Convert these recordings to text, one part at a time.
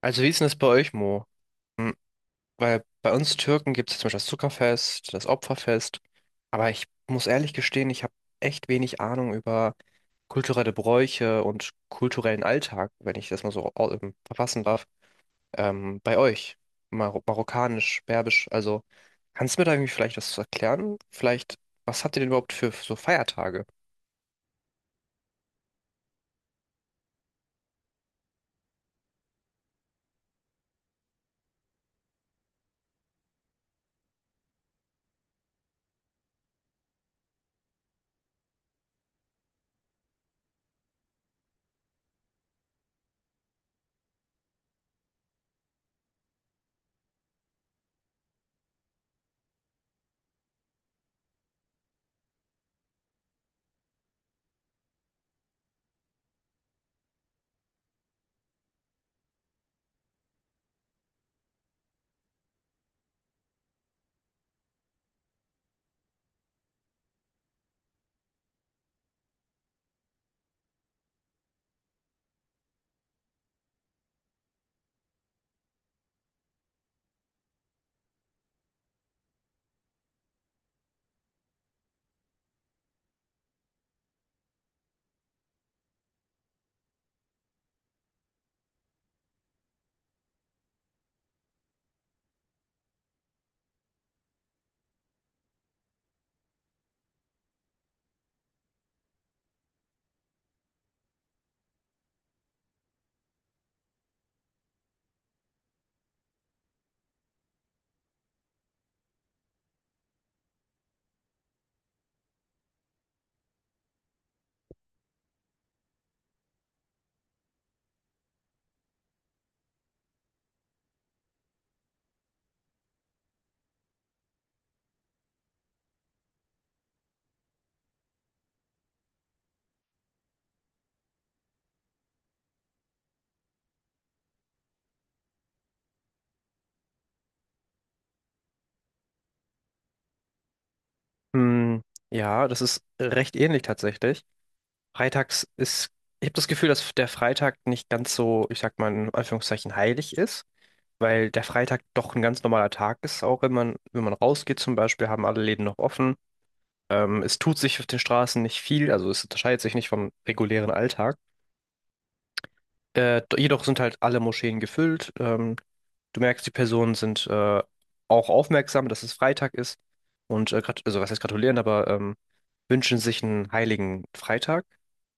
Also wie ist denn das bei euch, Mo? Hm, weil bei uns Türken gibt es zum Beispiel das Zuckerfest, das Opferfest. Aber ich muss ehrlich gestehen, ich habe echt wenig Ahnung über kulturelle Bräuche und kulturellen Alltag, wenn ich das mal so verfassen darf. Bei euch, marokkanisch, berbisch. Also kannst du mir da irgendwie vielleicht was zu erklären? Vielleicht, was habt ihr denn überhaupt für so Feiertage? Hm, ja, das ist recht ähnlich tatsächlich. Freitags ist, ich habe das Gefühl, dass der Freitag nicht ganz so, ich sag mal in Anführungszeichen, heilig ist, weil der Freitag doch ein ganz normaler Tag ist, auch wenn man, wenn man rausgeht zum Beispiel, haben alle Läden noch offen. Es tut sich auf den Straßen nicht viel, also es unterscheidet sich nicht vom regulären Alltag. Jedoch sind halt alle Moscheen gefüllt. Du merkst, die Personen sind auch aufmerksam, dass es Freitag ist und also was heißt gratulieren, aber wünschen sich einen heiligen Freitag,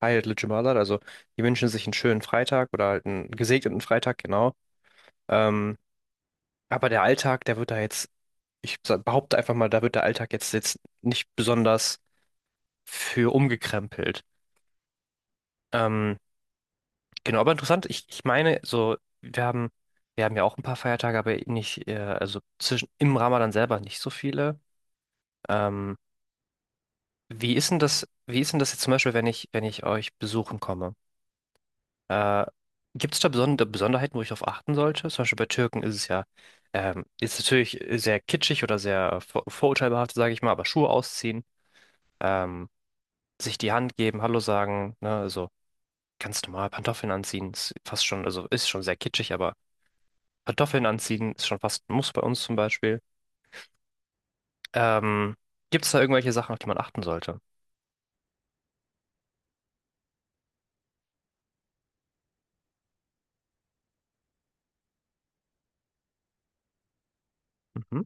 Heil Jumalat, also die wünschen sich einen schönen Freitag oder halt einen gesegneten Freitag, genau. Ähm, aber der Alltag, der wird da jetzt, behaupte einfach mal, da wird der Alltag jetzt nicht besonders für umgekrempelt. Ähm, Genau, aber interessant, ich meine, so, wir haben ja auch ein paar Feiertage, aber nicht, also zwischen im Ramadan selber nicht so viele. Ähm, Wie ist denn das, wie ist denn das jetzt zum Beispiel, wenn ich euch besuchen komme? Äh, Gibt es da besondere Besonderheiten, wo ich darauf achten sollte? Zum Beispiel bei Türken ist es ja, ist natürlich sehr kitschig oder sehr vorurteilbehaftet, sage ich mal, aber Schuhe ausziehen, ähm, sich die Hand geben, Hallo sagen, ne, also ganz normal Pantoffeln anziehen, ist fast schon, also ist schon sehr kitschig, aber Kartoffeln anziehen ist schon fast ein Muss bei uns zum Beispiel. Ähm, Gibt es da irgendwelche Sachen, auf die man achten sollte? Mhm.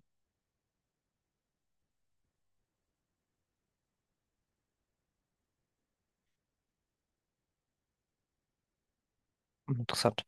Interessant.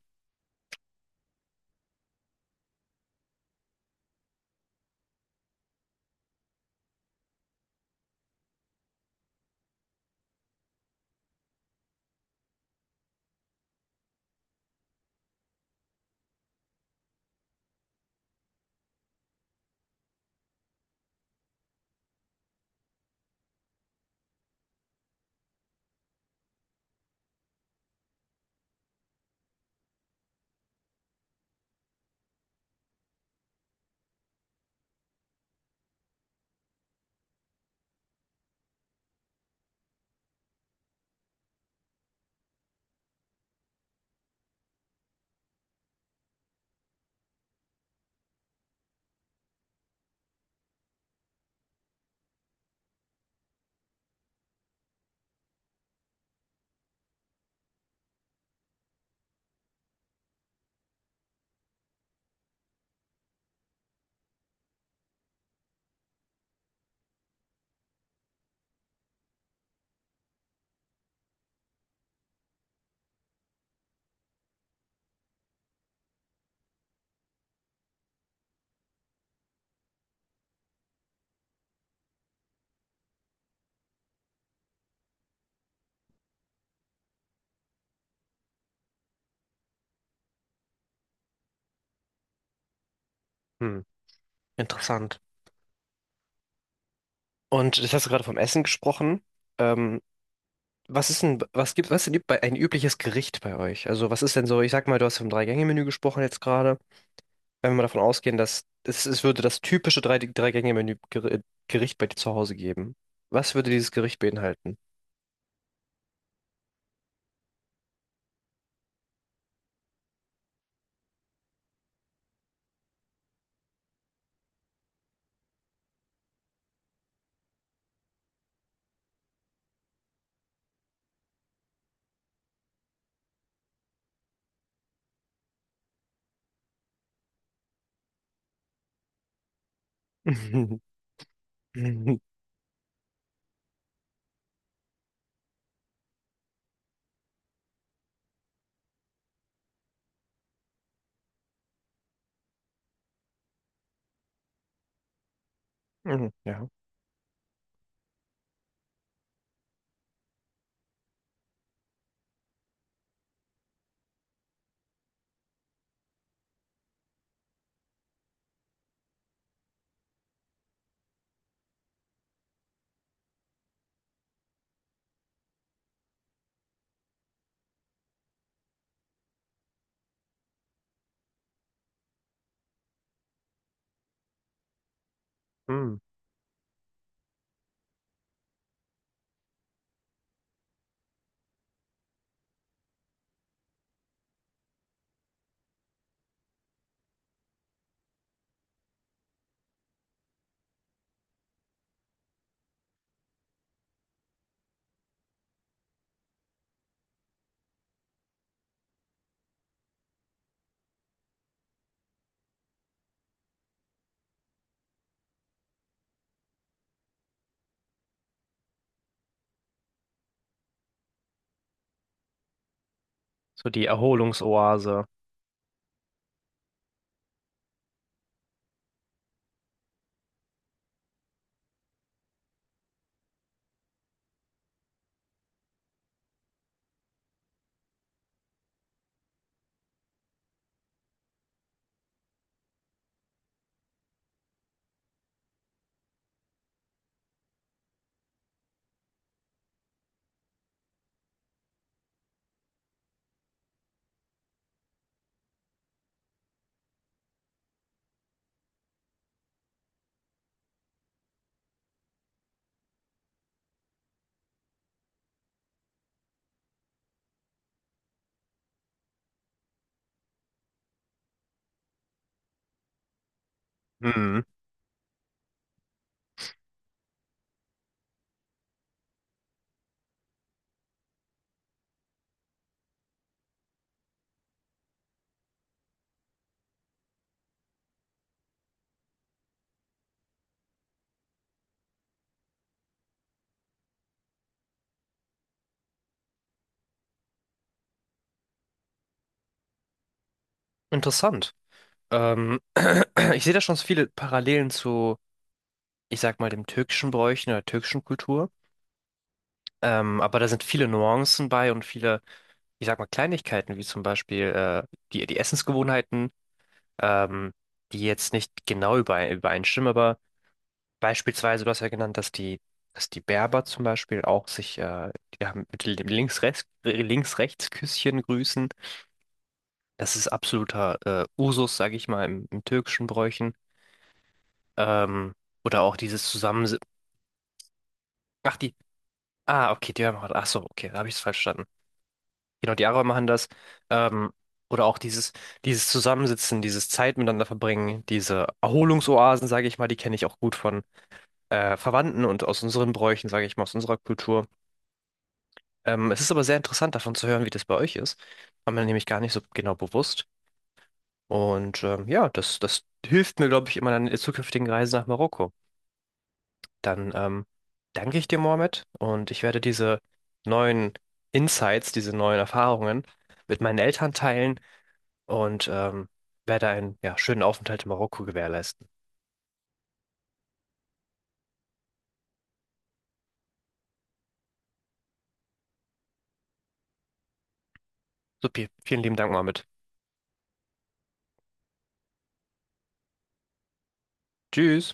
Hm, interessant. Und jetzt hast du gerade vom Essen gesprochen. Ähm, Was ist denn, was gibt bei ein übliches Gericht bei euch? Also was ist denn so, ich sag mal, du hast vom Drei-Gänge-Menü gesprochen jetzt gerade. Wenn wir mal davon ausgehen, dass es würde das typische Drei-Gänge-Menü Gericht bei dir zu Hause geben. Was würde dieses Gericht beinhalten? Mhm. Ja. Mhm. So die Erholungsoase. Interessant. Ähm, ich sehe da schon so viele Parallelen zu, ich sag mal, dem türkischen Bräuchen oder türkischen Kultur. Aber da sind viele Nuancen bei und viele, ich sag mal, Kleinigkeiten, wie zum Beispiel die Essensgewohnheiten, ähm, die jetzt nicht genau übereinstimmen, aber beispielsweise, du hast ja genannt, dass die Berber zum Beispiel auch sich die haben mit dem Links-Rechts, Links-Rechts-Küsschen grüßen. Das ist absoluter Usus, sage ich mal, im türkischen Bräuchen. Ähm, oder auch dieses Zusammen... Ach, die... Ah, okay, die machen... Ach so, okay, da habe ich es falsch verstanden. Genau, die Araber machen das. Ähm, oder auch dieses, dieses Zusammensitzen, dieses Zeit miteinander verbringen, diese Erholungsoasen, sage ich mal, die kenne ich auch gut von Verwandten und aus unseren Bräuchen, sage ich mal, aus unserer Kultur. Es ist aber sehr interessant, davon zu hören, wie das bei euch ist. War mir nämlich gar nicht so genau bewusst. Und ja, das hilft mir, glaube ich, in meiner zukünftigen Reise nach Marokko. Dann danke ich dir, Mohammed, und ich werde diese neuen Insights, diese neuen Erfahrungen mit meinen Eltern teilen und werde einen ja, schönen Aufenthalt in Marokko gewährleisten. Supi, vielen lieben Dank, Mohammed. Tschüss.